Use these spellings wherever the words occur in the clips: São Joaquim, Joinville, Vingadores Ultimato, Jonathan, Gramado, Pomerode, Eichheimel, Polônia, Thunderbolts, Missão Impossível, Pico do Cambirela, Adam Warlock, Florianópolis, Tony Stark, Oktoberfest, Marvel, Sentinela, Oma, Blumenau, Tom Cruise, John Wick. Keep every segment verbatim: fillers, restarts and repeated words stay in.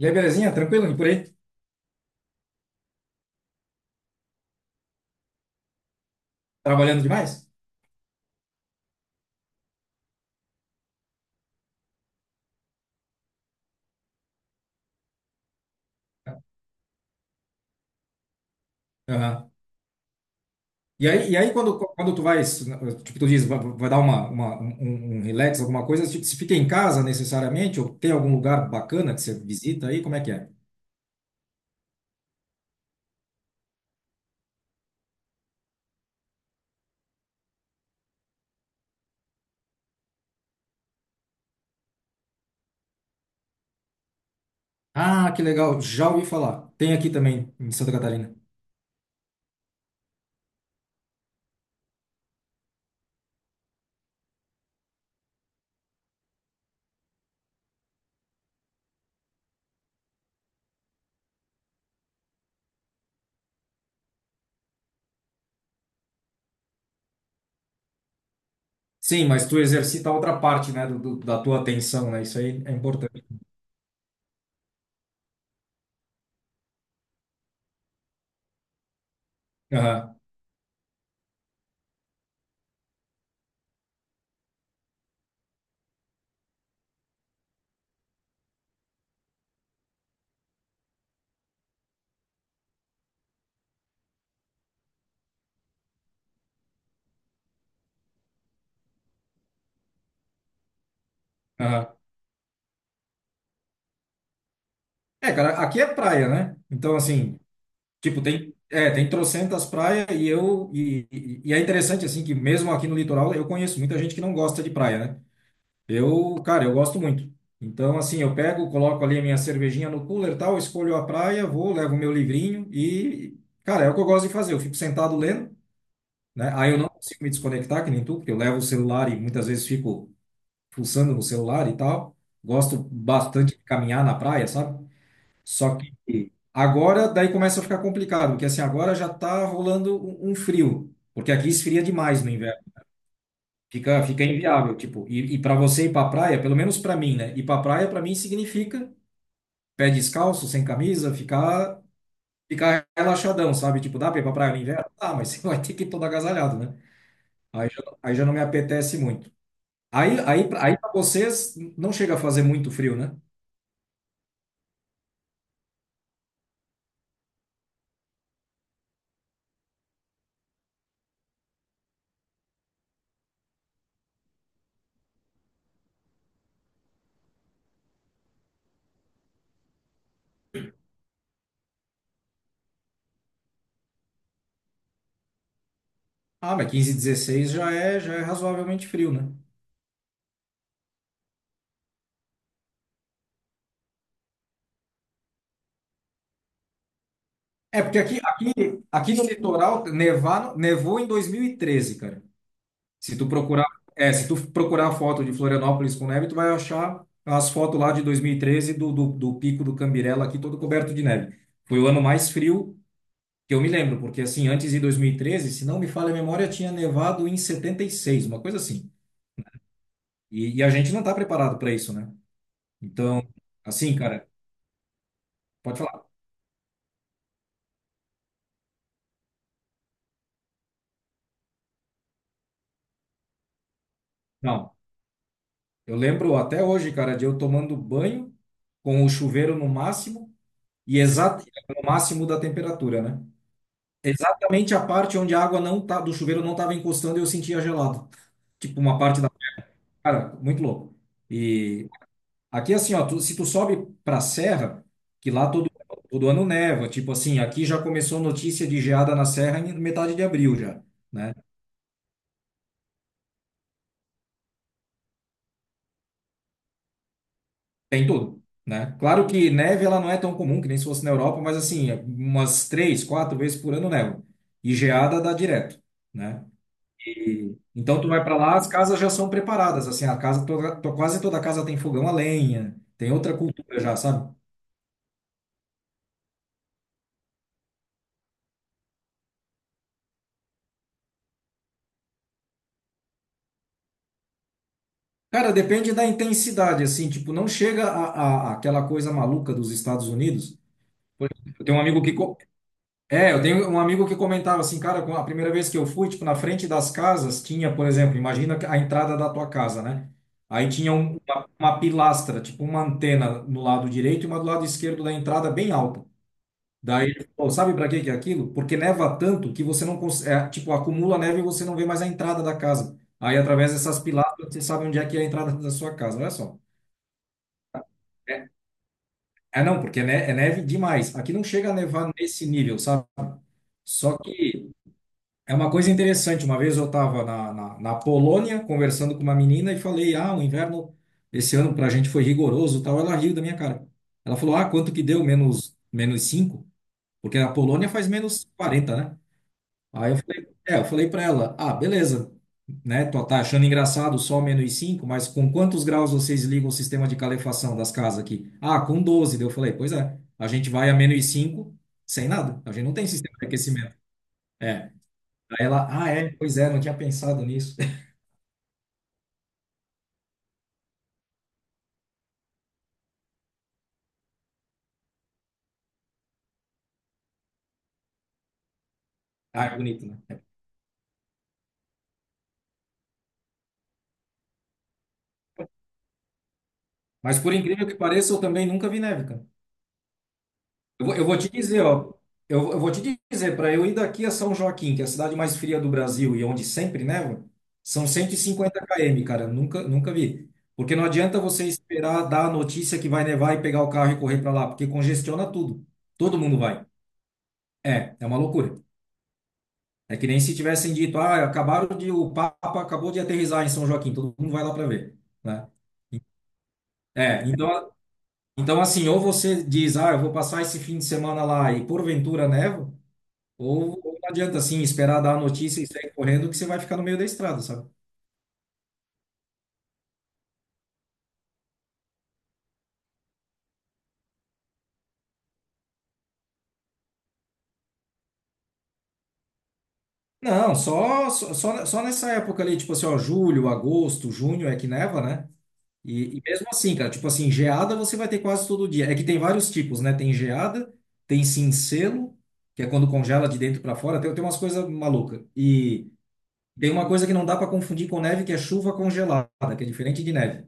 E aí, belezinha? Tranquilo? E por aí? Trabalhando demais? Aham. E aí, e aí quando, quando tu vai, tipo, tu diz, vai, vai dar uma, uma, um, um um relax, alguma coisa, tipo, se fica em casa necessariamente, ou tem algum lugar bacana que você visita aí, como é que é? Ah, que legal, já ouvi falar. Tem aqui também, em Santa Catarina. Sim, mas tu exercita outra parte, né, do, do- da tua atenção, né? Isso aí é importante. Aham, aham. É, cara, aqui é praia, né? Então, assim, tipo, tem, é, tem trocentas praias e eu e, e e é interessante assim que mesmo aqui no litoral eu conheço muita gente que não gosta de praia, né? Eu, cara, eu gosto muito. Então, assim, eu pego, coloco ali a minha cervejinha no cooler, e tal, escolho a praia, vou, levo o meu livrinho e, cara, é o que eu gosto de fazer. Eu fico sentado lendo, né? Aí eu não consigo me desconectar que nem tu, porque eu levo o celular e muitas vezes fico fuçando no celular e tal. Gosto bastante de caminhar na praia, sabe? Só que agora daí começa a ficar complicado, porque assim, agora já tá rolando um, um frio, porque aqui esfria demais no inverno. Fica, fica inviável, tipo, e, e para você ir para praia, pelo menos para mim, né? Ir para praia para mim significa pé descalço, sem camisa, ficar ficar relaxadão, sabe? Tipo, dá para ir para praia no inverno? Ah, mas você vai ter que ir todo agasalhado, né? Aí já, aí já não me apetece muito. Aí aí aí para vocês não chega a fazer muito frio, né? Ah, mas quinze dezesseis já é já é razoavelmente frio, né? É, porque aqui, aqui, aqui no litoral nevar, nevou em dois mil e treze, cara. Se tu procurar, é, se tu procurar foto de Florianópolis com neve, tu vai achar as fotos lá de dois mil e treze do, do, do Pico do Cambirela aqui todo coberto de neve. Foi o ano mais frio que eu me lembro, porque assim, antes de dois mil e treze, se não me falha a memória, tinha nevado em setenta e seis, uma coisa assim. E, e a gente não tá preparado para isso, né? Então, assim, cara, pode falar. Não, eu lembro até hoje, cara, de eu tomando banho com o chuveiro no máximo. E exato, no máximo da temperatura, né? Exatamente a parte onde a água não tá, do chuveiro não estava encostando e eu sentia gelado. Tipo, uma parte da. Cara, muito louco. E aqui, assim, ó, tu- se tu sobe pra serra, que lá todo, todo ano neva, tipo assim, aqui já começou notícia de geada na serra em metade de abril já, né? Tem tudo, né? Claro que neve ela não é tão comum, que nem se fosse na Europa, mas assim, umas três, quatro vezes por ano neva. E geada dá direto, né? E- então tu vai para lá, as casas já são preparadas, assim, a casa toda, to- quase toda casa tem fogão a lenha, tem outra cultura já, sabe? Cara, depende da intensidade, assim, tipo, não chega a, a- aquela coisa maluca dos Estados Unidos. Por exemplo, Eu tenho um amigo que co- é, eu tenho um amigo que comentava assim, cara, com- a primeira vez que eu fui, tipo, na frente das casas tinha, por exemplo, imagina a entrada da tua casa, né? Aí tinha um- uma, uma pilastra, tipo uma antena no lado direito e uma do lado esquerdo da entrada bem alta. Daí ele falou, sabe para que que é aquilo? Porque neva tanto que você não consegue, tipo, acumula neve e você não vê mais a entrada da casa. Aí, através dessas pilastras, você sabe onde é que é a entrada da sua casa, olha só. É, é não, porque é, ne- é neve demais. Aqui não chega a nevar nesse nível, sabe? Só que é uma coisa interessante. Uma vez eu estava na, na, na Polônia conversando com uma menina e falei, ah, o inverno esse ano para a gente foi rigoroso, e tal. Ela riu da minha cara. Ela falou, ah, quanto que deu? Menos, menos cinco. Porque a Polônia faz menos quarenta, né? Aí eu falei, é, eu falei para ela, ah, beleza, né? Tô, tá achando engraçado só menos cinco, mas com quantos graus vocês ligam o sistema de calefação das casas aqui? Ah, com doze. Daí eu falei, pois é, a gente vai a menos cinco sem nada. A gente não tem sistema de aquecimento. É. Aí ela, ah, é, pois é, não tinha pensado nisso. Ah, é bonito, né? Mas por incrível que pareça, eu também nunca vi neve, cara. Eu vou, eu vou te dizer, ó. Eu, eu vou te dizer, para eu ir daqui a São Joaquim, que é a cidade mais fria do Brasil e onde sempre neva, são cento e cinquenta quilômetros, cara. Nunca, nunca vi. Porque não adianta você esperar dar a notícia que vai nevar e pegar o carro e correr para lá, porque congestiona tudo. Todo mundo vai. É, é uma loucura. É que nem se tivessem dito, ah, acabaram de, o Papa acabou de aterrissar em São Joaquim, todo mundo vai lá para ver, né? É, então, então assim, ou você diz, ah, eu vou passar esse fim de semana lá e porventura neva. Ou, ou não adianta assim esperar dar a notícia e sair correndo que você vai ficar no meio da estrada, sabe? Não, só, só, só só nessa época ali, tipo assim, ó, julho, agosto, junho é que neva, né? E, e mesmo assim, cara, tipo assim, geada você vai ter quase todo dia. É que tem vários tipos, né? Tem geada, tem cincelo, que é quando congela de dentro para fora, tem, tem umas coisas malucas. E tem uma coisa que não dá para confundir com neve, que é chuva congelada, que é diferente de neve.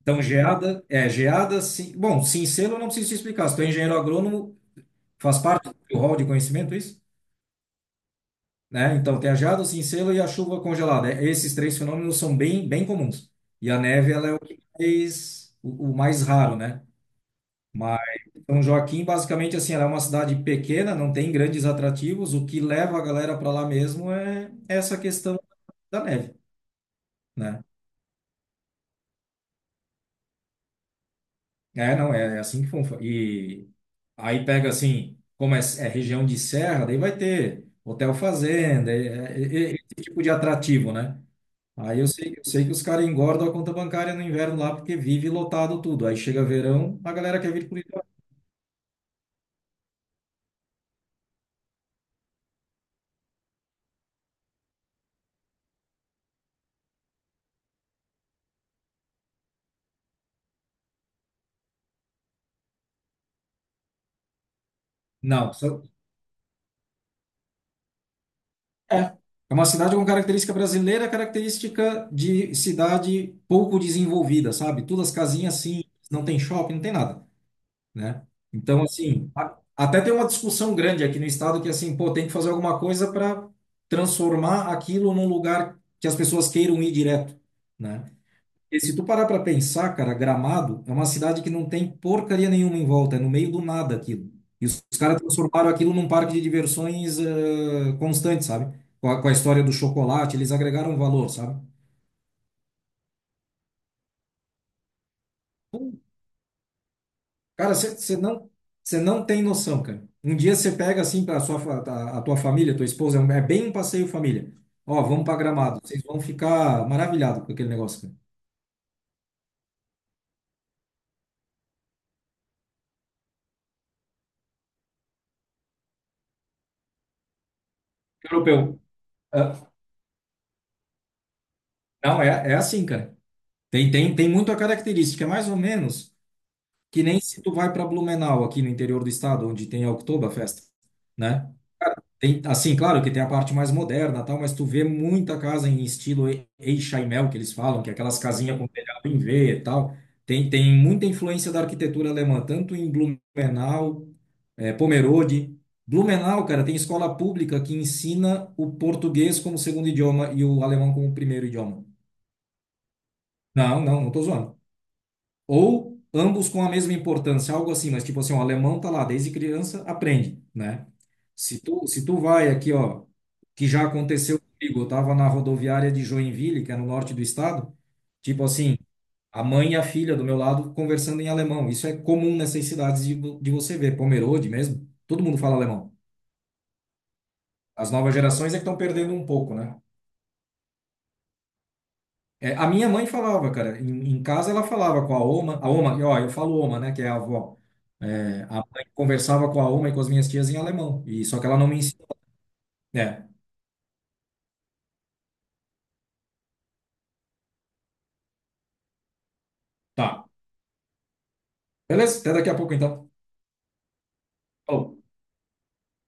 Então, geada, é, geada, sim, bom, cincelo eu não preciso te explicar. Se tu é engenheiro agrônomo, faz parte do rol de conhecimento isso? Né? Então, tem a geada, o cincelo e a chuva congelada. É, esses três fenômenos são bem, bem comuns. E a neve, ela é o que mais, o, o mais raro, né? Mas São Joaquim, basicamente, assim, ela é uma cidade pequena, não tem grandes atrativos. O que leva a galera para lá mesmo é essa questão da neve, né? É, não, é, é assim que funfa. E aí pega, assim, como é, é região de serra, daí vai ter hotel fazenda, é- é- é- esse tipo de atrativo, né? Aí eu sei, eu sei que os caras engordam a conta bancária no inverno lá porque vive lotado tudo. Aí chega verão, a galera quer vir para o litoral. Não, só- é. É uma cidade com característica brasileira, característica de cidade pouco desenvolvida, sabe? Todas as casinhas assim, não tem shopping, não tem nada, né? Então, assim, a- até tem uma discussão grande aqui no estado que, assim, pô, tem que fazer alguma coisa para transformar aquilo num lugar que as pessoas queiram ir direto, né? E se tu parar pra pensar, cara, Gramado é uma cidade que não tem porcaria nenhuma em volta, é no meio do nada aquilo. E os, os caras transformaram aquilo num parque de diversões eh, constante, sabe? Com a, com a história do chocolate, eles agregaram valor, sabe? Cara, você não, você não tem noção, cara. Um dia você pega assim para sua fa- a, a tua família, tua esposa, é, um- é bem um passeio família. Ó, vamos para Gramado, vocês vão ficar maravilhados com aquele negócio, cara. Europeu. Ah, não, é, é assim, cara. Tem, tem, tem muita característica, é mais ou menos. Que nem se tu vai para Blumenau, aqui no interior do estado, onde tem a Oktoberfest, né? Tem, assim, claro que tem a parte mais moderna, tal, mas tu vê muita casa em estilo E- Eichheimel, que eles falam, que é aquelas casinhas com telhado em V e tal. Tem, tem muita influência da arquitetura alemã, tanto em Blumenau, eh, Pomerode. Blumenau, cara, tem escola pública que ensina o português como segundo idioma e o alemão como primeiro idioma. Não, não, não tô zoando. Ou ambos com a mesma importância, algo assim, mas tipo assim, o alemão tá lá desde criança, aprende, né? Se tu, se tu vai aqui, ó, que já aconteceu comigo, eu tava na rodoviária de Joinville, que é no norte do estado, tipo assim, a mãe e a filha do meu lado conversando em alemão. Isso é comum nessas cidades de, vo- de você ver, Pomerode mesmo, todo mundo fala alemão. As novas gerações é que estão perdendo um pouco, né? É, a minha mãe falava, cara, em, em casa ela falava com a Oma, a Oma, e, ó, eu falo Oma, né, que é a avó. É, a mãe conversava com a Oma e com as minhas tias em alemão, e só que ela não me ensinou. É, tá. Beleza? Até daqui a pouco então. Falou.